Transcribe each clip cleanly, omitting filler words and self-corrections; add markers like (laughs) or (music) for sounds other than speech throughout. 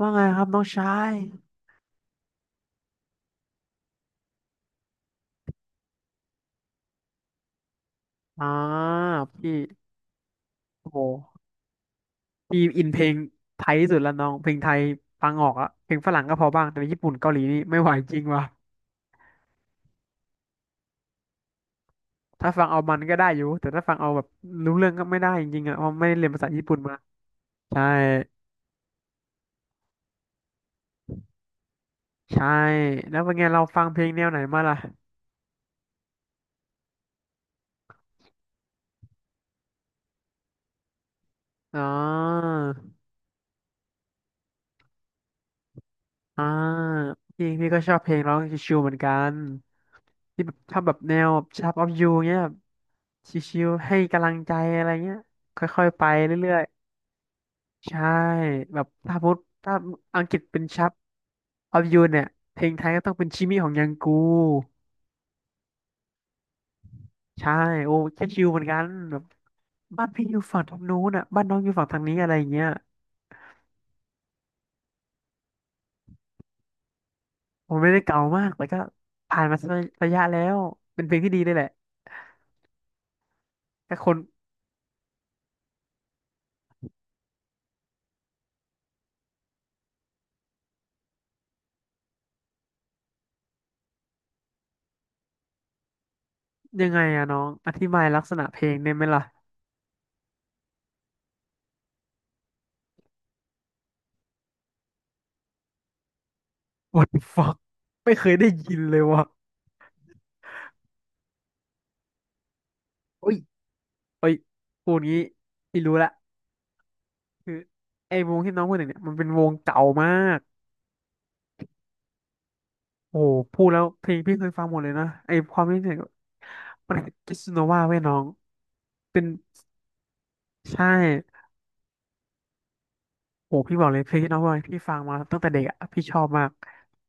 ว่าไงครับน้องชายอ่าพี่โอ้โหพี่อินเพลงไทยที่สุดแล้วน้องเพลงไทยฟังออกอะเพลงฝรั่งก็พอบ้างแต่เป็ญี่ปุ่นเกาหลีนี่ไม่ไหวจริงว่ะถ้าฟังเอามันก็ได้อยู่แต่ถ้าฟังเอาแบบรู้เรื่องก็ไม่ได้จริงๆอะเพราะไม่ได้เรียนภาษาญี่ปุ่นมาใช่ใช่แล้วเป็นไงเราฟังเพลงแนวไหนมาล่ะอ๋อ อ่าจริงพี่ก็ชอบเพลงร้องชิวๆเหมือนกันที่แบบชอบแบบแนว Shape of You เงี้ยแบบชิวๆให้กำลังใจอะไรเงี้ยค่อยๆไปเรื่อยๆใช่แบบถ้าพูดถ้าอังกฤษเป็น Shape of You เนี่ยเพลงไทยก็ต้องเป็นชิมิของยังกูใช่โอ้แค่ชิวเหมือนกันแบบบ้านพี่อยู่ฝั่งทางนู้นอ่ะบ้านน้องอยู่ฝั่งทางนี้อะไรอย่างเงี้ยผมไม่ได้เก่ามากแต่ก็ผ่านมาสักระยะแล้วเป็นเพลงที่ดีเลยแหละแต่คน ยังไงอะน้องอธิบายลักษณะเพลงได้ไหมล่ะ What the fuck ไม่เคยได้ยินเลยว่ะโอ้ยโอ้ยพูดงี้พี่รู้ละคือไอ้วงที่น้องพูดถึงเนี่ยมันเป็นวงเก่ามากโอ้โหพูดแล้วเพลงพี่เคยฟังหมดเลยนะไอ้ความที่เนี่ยมันคิสโนวาเว้ยน้องเป็นใช่โอ้โหพี่บอกเลยเพลงที่น้องบอกให้พี่ฟังมาตั้งแต่เด็กอะพี่ชอบมาก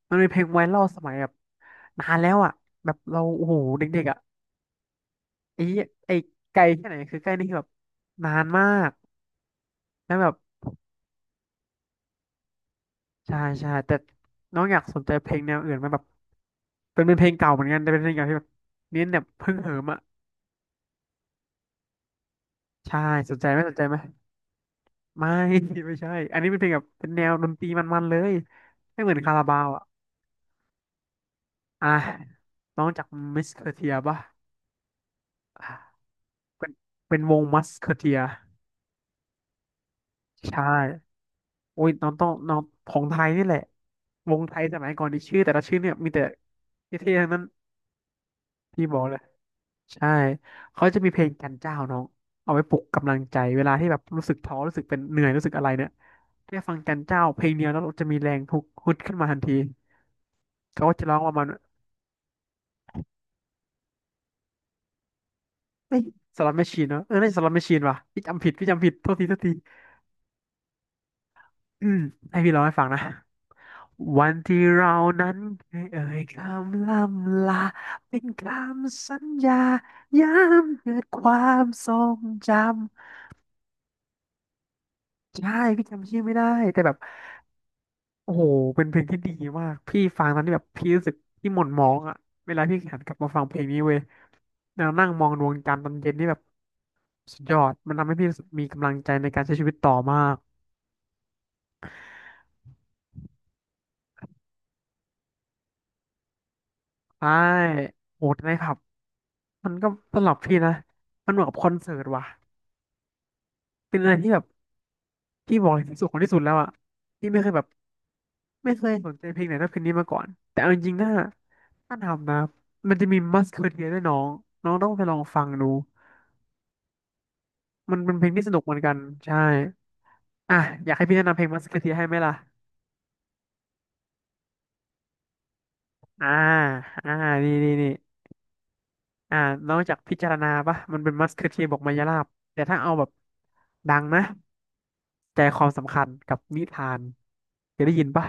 มันเป็นเพลงไวรัลสมัยแบบนานแล้วอะแบบเราโอ้โหเด็กๆอะไอ้ไอ้ไกลแค่ไหนคือใกล้นี่คือแบบนานมากแล้วแบบ ใช่ใช่แต่น้องอยากสนใจเพลงแนวอื่นไหมแบบเป็นเพลงเก่าเหมือนกันแต่เป็นเพลงเก่าที่แบบเน้นแบบฮึ่งเหิมอ่ะใช่สนใจไหมสนใจไหมไม่ (laughs) ไม่ใช่อันนี้เป็นเพลงแบบเป็นแนวดนตรีมันๆเลยไม่เหมือนคาราบาวอ่ะอ่ะน้องจากมิสเคอร์เทียป่ะอ่ะเป็นเป็นวงมัสเคอร์เทียใช่โอ้ยน้องของไทยนี่แหละวงไทยสมัยก่อนที่ชื่อแต่ละชื่อเนี่ยมีแต่เท่ๆทั้งนั้นพี่บอกเลย ใช่เขาจะมีเพลงจันเจ้าน้องเอาไว้ปลุกกำลังใจเวลาที่แบบรู้สึกท้อรู้สึกเป็นเหนื่อยรู้สึกอะไรเนี่ยแค่ฟังจันเจ้าเพลงเดียวแล้วเราจะมีแรงฮึกฮึดขึ้นมาทันทีเขาก็จะร้องประมาณว่ามันเอ้ยสลัมแมชชีนเนาะเออไม่่สลัมแมชชีนว่ะพี่จำผิดพี่จำผิดโทษทีโทษทีอืมให้พี่ร้องให้ฟังนะวันที่เรานั้นเคยเอ่ยคำล่ำลาเป็นคำสัญญาย้ำเกิดความทรงจำใช่พี่จำชื่อไม่ได้แต่แบบ โอ้โห เป็นเพลงที่ดีมาก พี่ฟังตอนที่แบบพี่รู้สึกพี่หม่นหมองอ่ะเวลาพี่หันกลับมาฟังเพลงนี้เว้ยแล้วนั่งมองดวงจันทร์ตอนเย็นนี่แบบสุดยอด มันทำให้พี่รู้สึกมีกำลังใจในการใช้ชีวิตต่อมากใช่โหดใครับมันก็สำหรับพี่นะ มันเหมือนกับคอนเสิร์ตว่ะเป็นอะไรที่แบบพี่บอกเลยที่สุดของที่สุดแล้วอ่ะพี่ไม่เคยแบบไม่เคยสนใจเพลงไหนเท่าเพลงนี้มาก่อนแต่เอาจริงๆนะถ้าทำนะมันจะมีมัสเคอเทียด้วยน้องน้องต้องไปลองฟังดูมันเป็นเพลงที่สนุกเหมือนกันใช่ อ่ะอยากให้พี่แนะนำเพลงมัสคาเทียให้ไหมล่ะอ่าอ่านี่นี่นี่อ่านอกจากพิจารณาปะมันเป็นมัสคาเทียบอกมายาลาบแต่ถ้าเอาแบบดังนะใจความสำคัญกับนิทานเคยได้ยินปะ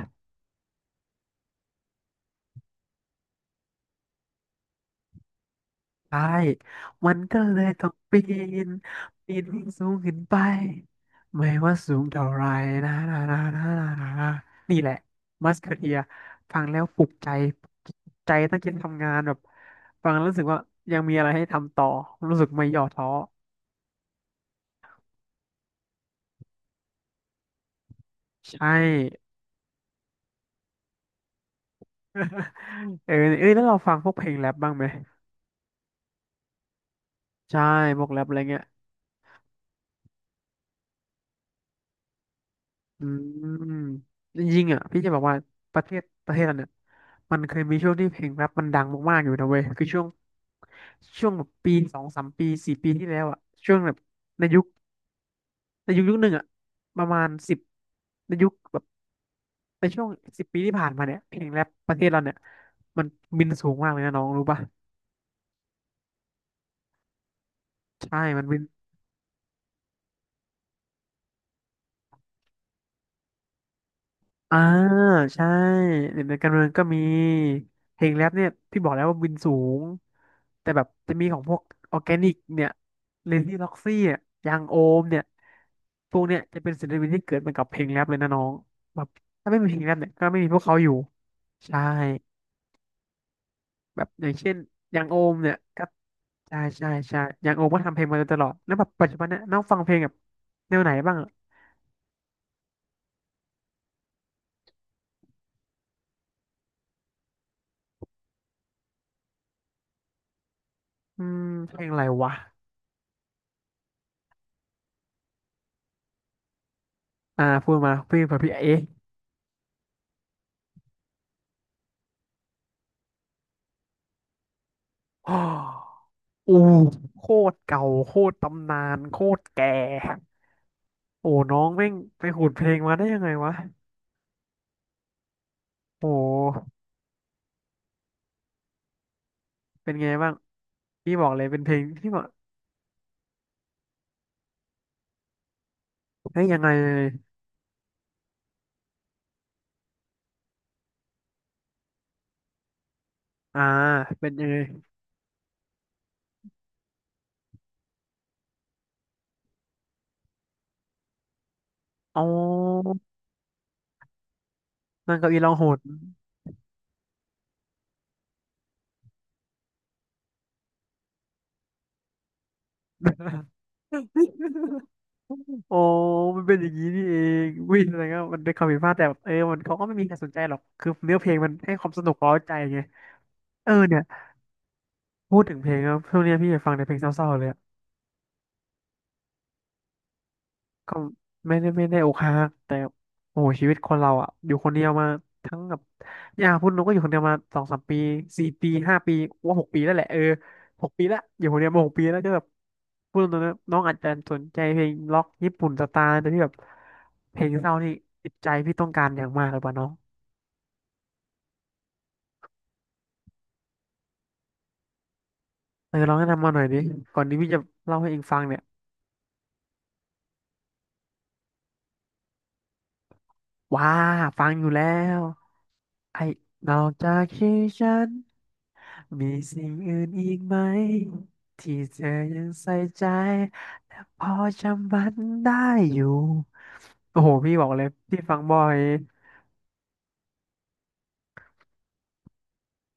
ใช่มันก็เลยต้องปีนปีนให้สูงขึ้นไปไม่ว่าสูงเท่าไรนะนะนะนะนะนะนะนี่แหละมัสคาเทียฟังแล้วปลุกใจปลุกใจตั้งใจทำงานแบบฟังแล้วรู้สึกว่ายังมีอะไรให้ทำต่อรู้สึกไม่ย่อท้อ ใช่ (laughs) เออเอ้ยแล้วเราฟังพวกเพลงแรปบ้างไหมใช่พวกแรปอะไรเงี้ยอืมจริงๆอ่ะพี่จะบอกว่าประเทศเราเนี่ยมันเคยมีช่วงที่เพลงแรปมันดังมากๆอยู่นะเว้ยคือช่วงแบบปีสองสามปีสี่ปีที่แล้วอ่ะช่วงแบบในยุคในยุคยุคหนึ่งอ่ะประมาณสิบในยุคแบบในช่วง10 ปีที่ผ่านมาเนี่ยเพลงแรปประเทศเราเนี่ยมันบินสูงมากเลยนะน้องรู้ป่ะใช่มันบิน อ่าใช่เด็กในการเมืองก็มีเพลงแรปเนี่ยพี่บอกแล้วว่าบินสูงแต่แบบจะมีของพวกออร์แกนิกเนี่ยเรนนี่ล็อกซี่อะยางโอมเนี่ยพวกเนี่ยจะเป็นศิลปินที่เกิดมากับเพลงแรปเลยนะน้องแบบถ้าไม่มีเพลงแรปเนี่ยก็ไม่มีพวกเขาอยู่ใช่แบบอย่างเช่นอยางโอมเนี่ยก็ใช่ใช่ใช่อยางโอมก็ทำเพลงมาโดยตลอดแล้วแบบปัจจุบันเนี่ยน้องฟังเพลงแบบแนวไหนบ้างอะอืมเพลงอะไรวะพูดมาพี่เผื่อพี่เอ๊ะ (gasps) อ๋อ อู้โคตรเก่าโคตรตำนานโคตรแก่โอ้น้องแม่งไปขูดเพลงมาได้ยังไงวะโอ้เป็นไงบ้างพี่บอกเลยเป็นเพลงที่บอกเฮ้ยยังไงเลยอ่าเป็นยังไงอ๋อนั่งเก้าอี้ร้องโหด (laughs) โอ้มันเป็นอย่างนี้นี่เองวิ่งอะไรก็มันเป็นความผิดพลาดแต่แบบเออมันเขาก็ไม่มีใครสนใจหรอกคือเนื้อเพลงมันให้ความสนุกเร้าใจไงเออเนี่ยพูดถึงเพลงแล้วช่วงเนี้ยพี่ฟังแต่เพลงเศร้าๆเลย ก็ไม่ได้อกหักแต่โอ้โหชีวิตคนเราอ่ะอยู่คนเดียวมาทั้งแบบอย่าพูดหนูก็อยู่คนเดียวมาสองสามปีสี่ปีห้าปีว่าหกปีแล้วแหละเออหกปีละอยู่คนเดียวมาหกปีแล้วก็แบบพูดตรงๆนะน้องอาจจะสนใจเพลงล็อกญี่ปุ่นสไตล์แต่ที่แบบเพลงเศร้านี่ติดใจพี่ต้องการอย่างมากเลยป่ะน้องเออลองแนะนำมาหน่อยดิก่อนที่พี่จะเล่าให้เองฟังเนี่ยว้าฟังอยู่แล้ว ไอ้นอกจากชื่อฉันมีสิ่งอื่นอีกไหมที่เธอยังใส่ใจและพอจำมันได้อยู่โอ้โหพี่บอกเลยพี่ฟังบ่อย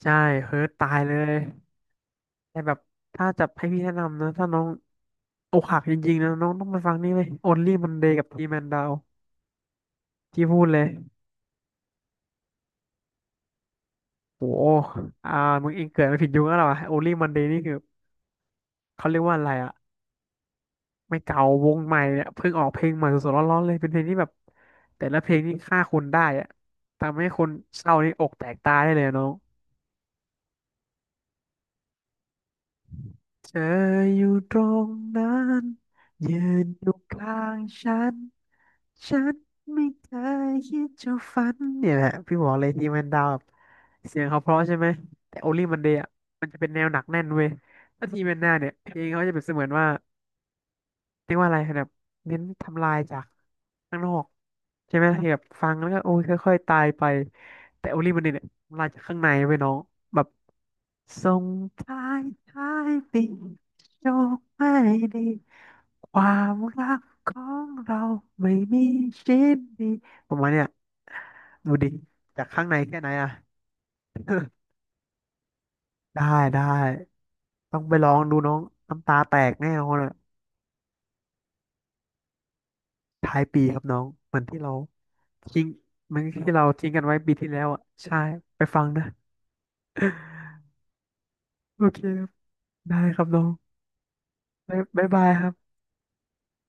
ใช่เฮิร์ตตายเลยแต่แบบถ้าจะให้พี่แนะนำนะถ้าน้องอกหักจริงๆนะน้องต้องไปฟังนี่เลย Only Monday กับ T Man Down ที่พูดเลยโอ้โหอ่ามึงเองเกิดมาผิดยุคแล้วเหรอวะ Only Monday นี่คือเขาเรียกว่าอะไรอะ ไม่เก่าวงใหม่เนี่ยเพิ่งออกเพลงใหม่สดๆร้อนๆเลยเป็นเพลงที่แบบแต่ละเพลงนี่ฆ่าคนได้อะทำให้คนเศร้านี่อกแตกตายได้เลยอะน้องเธออยู่ตรงนั้นยืนอยู่ข้างฉันฉันไม่เคยคิดจะฝันเนี่ยแหละพี่บอกเลยที่มันดาวแบบเสียงเขาเพราะใช่ไหมแต่ o อลี่มันเดยอะมันจะเป็นแนวหนักแน่นเว้ยแล้วทีแมนหน้าเนี่ยเพลงเขาจะเป็นเสมือนว่า เรียกว่าอะไรแบบเน้นทำลายจากข้างนอกใช่ไหมที่แบบฟังแล้วก็โอ้ยค่อยๆตายไปแต่โอลิมันเนี่ยทำลายจากข้างในไปน้องแบบส่งท้ายท้ายปีโชคไม่ดีความรักของเราไม่มีชิ้นดีผมว่าเนี่ยดูดิจากข้างในแค่ไหนอะ (laughs) ได้ได้ต้องไปลองดูน้องน้ำตาแตกแน่นอนอะ ท้ายปีครับน้องเหมือนที่เราทิ้งเหมันที่เราทิ้งกันไว้ปีที่แล้วอ่ะใช่ไปฟังนะ (laughs) โอเคครับได้ครับน้องบ๊ายบ๊ายบายครับ